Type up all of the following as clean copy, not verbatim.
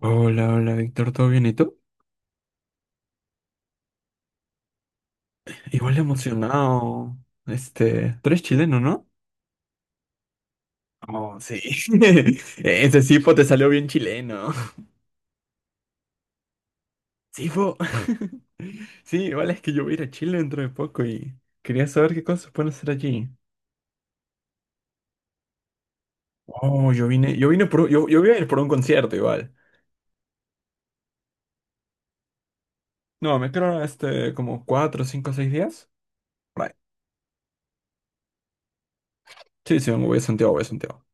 Hola, hola, Víctor, ¿todo bien? ¿Y tú? Igual emocionado. Tú eres chileno, ¿no? Oh, sí. Ese Sifo te salió bien chileno. Sifo. Sí, igual es que yo voy a ir a Chile dentro de poco y quería saber qué cosas pueden hacer allí. Oh, yo vine por, yo voy a ir por un concierto igual. No, me quedaron como cuatro, cinco, seis días. Right. Sí, sí, me voy a Santiago, voy a Santiago.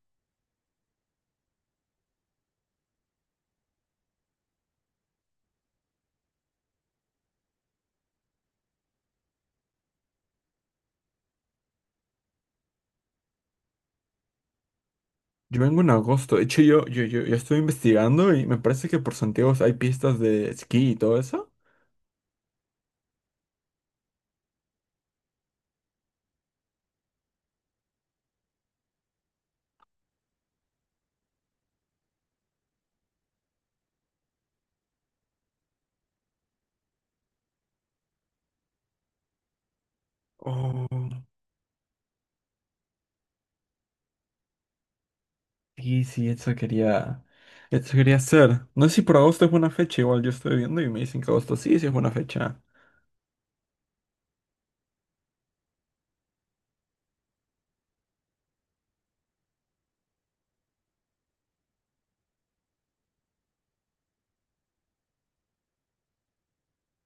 Yo vengo en agosto. De hecho, yo estoy investigando y me parece que por Santiago hay pistas de esquí y todo eso. Oh, sí, sí, eso quería hacer. No sé si por agosto es buena fecha, igual yo estoy viendo y me dicen que agosto sí, sí es buena fecha.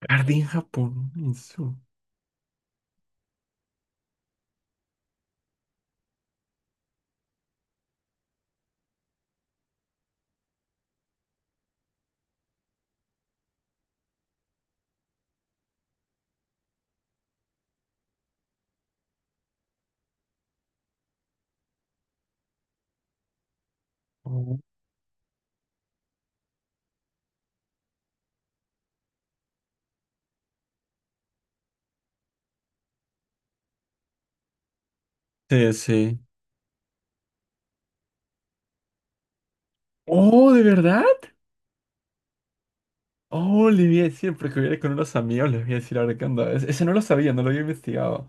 Jardín japonés. Oh. Sí, sí. Oh, ¿de verdad? Oh, le voy a decir, porque voy a ir con unos amigos, les voy a decir ahora qué onda. Ese no lo sabía, no lo había investigado.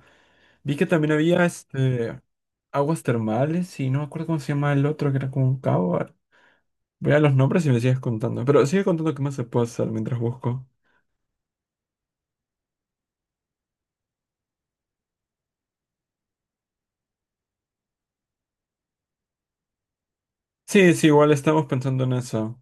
Vi que también había aguas termales y no me acuerdo cómo se llama el otro, que era como un cabo. Voy a los nombres y me sigues contando. Pero sigue contando qué más se puede hacer mientras busco. Sí, sí, igual estamos pensando en eso.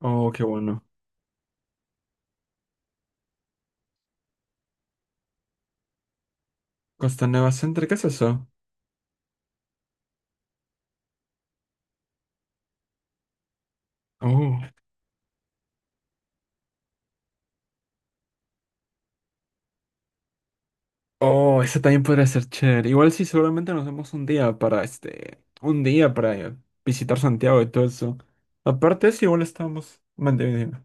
Oh, qué bueno. Costa Nueva Center, ¿qué es eso? Oh. Oh, eso también podría ser chévere. Igual sí, seguramente nos damos un día para este. Un día para visitar Santiago y todo eso. Aparte, sí, igual estamos manteniendo.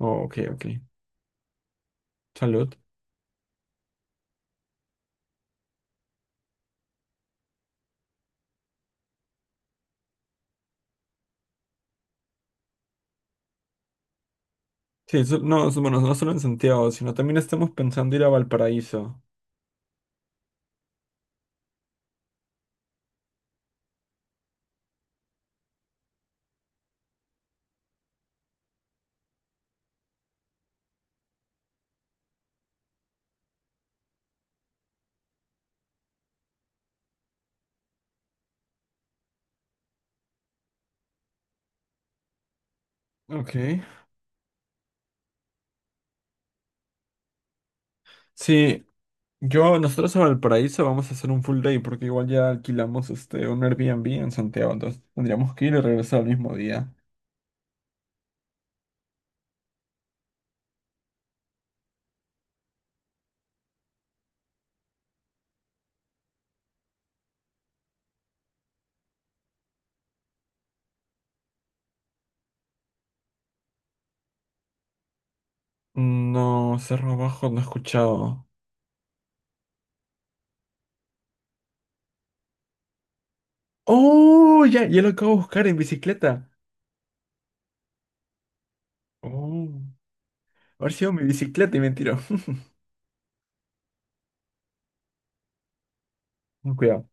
Oh, ok, ok. Salud. Bueno, no solo en Santiago, sino también estamos pensando ir a Valparaíso. Ok. Sí, yo, nosotros a Valparaíso vamos a hacer un full day porque igual ya alquilamos un Airbnb en Santiago, entonces tendríamos que ir y regresar al mismo día. No, Cerro Abajo no he escuchado. ¡Oh! Ya, ya lo acabo de buscar en bicicleta. ¡Oh! Haber sido mi bicicleta y me tiró. Cuidado.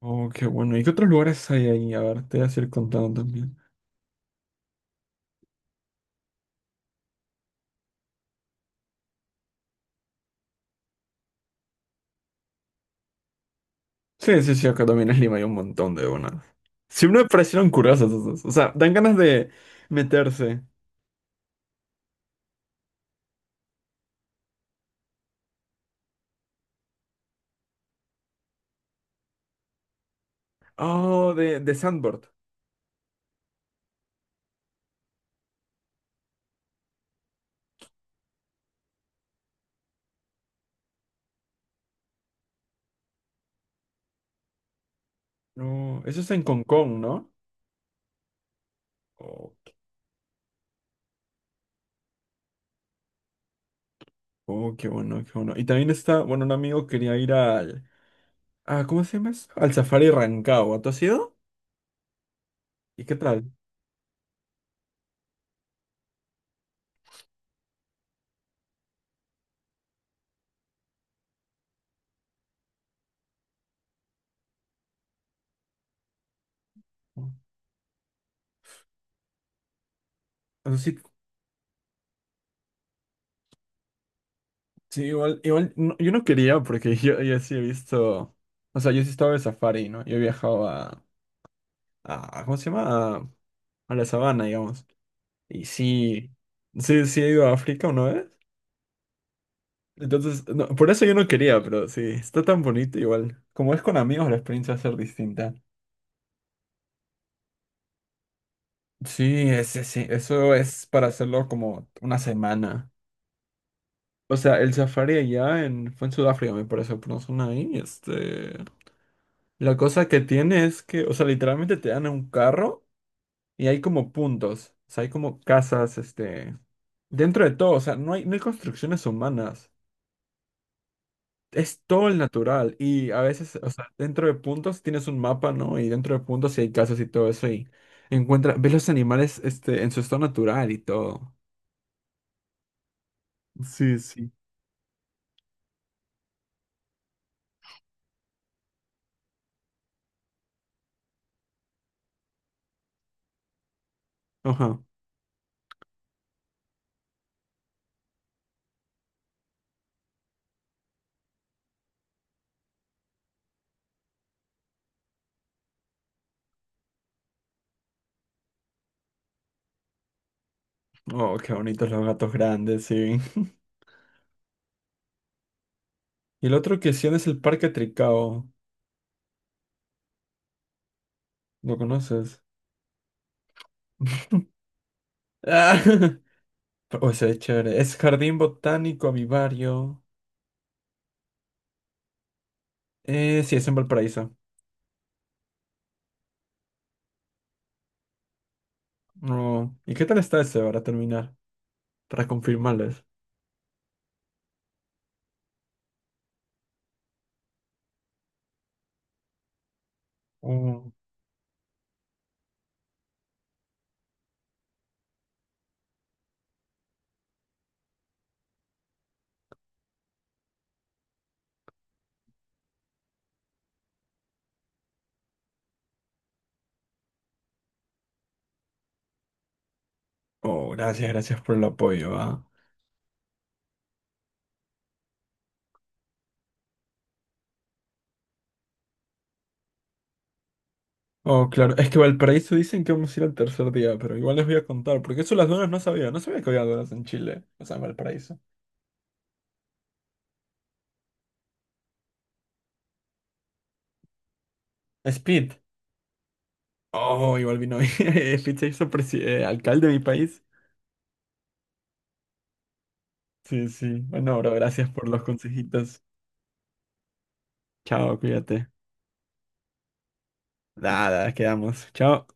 Oh, qué bueno. ¿Y qué otros lugares hay ahí? A ver, te voy a ir contando también. Sí, sí, sí, acá también en Lima hay un montón de donas. Siempre me parecieron curiosas esas. O sea, dan ganas de meterse. Oh, de Sandboard. No, eso está en Hong Kong, ¿no? Oh, qué oh, qué bueno, qué bueno. Y también está, bueno, un amigo quería ir al... Ah, ¿cómo se llama eso? Al Safari Rancagua. ¿Tú has ido? ¿Y qué tal? Eso sí, sí, igual, igual, no, yo no quería porque yo sí he visto... O sea, yo sí estaba de safari, ¿no? Yo he viajado a... ¿Cómo se llama? A la sabana, digamos. Y sí, sí he ido a África una vez. Entonces, no, por eso yo no quería, pero sí, está tan bonito igual. Como es con amigos, la experiencia va a ser distinta. Sí, sí, eso es para hacerlo como una semana. O sea, el safari allá en, fue en Sudáfrica, me parece, por una zona ahí. La cosa que tiene es que, o sea, literalmente te dan un carro y hay como puntos. O sea, hay como casas, dentro de todo. O sea, no hay construcciones humanas. Es todo el natural y a veces, o sea, dentro de puntos tienes un mapa, ¿no? Y dentro de puntos sí hay casas y todo eso y encuentra, ves los animales en su estado natural y todo. Sí, sí. Ajá. Oh, qué bonitos los gatos grandes, sí. Y el otro que sí es el Parque Tricao. ¿Lo conoces? Ah, O sea, es chévere. Es Jardín Botánico Avivario. Sí, es en Valparaíso. No. ¿Y qué tal está ese para terminar? Para confirmarles. Oh, gracias, gracias por el apoyo, ah. Oh, claro, es que Valparaíso dicen que vamos a ir al tercer día, pero igual les voy a contar, porque eso las donas no sabía, no sabía que había donas en Chile, o sea, en Valparaíso. Speed. Oh, igual vino Speed se hizo presi- alcalde de mi país. Sí, sí. Bueno, bro, gracias por los consejitos. Chao, cuídate. Nada, quedamos. Chao.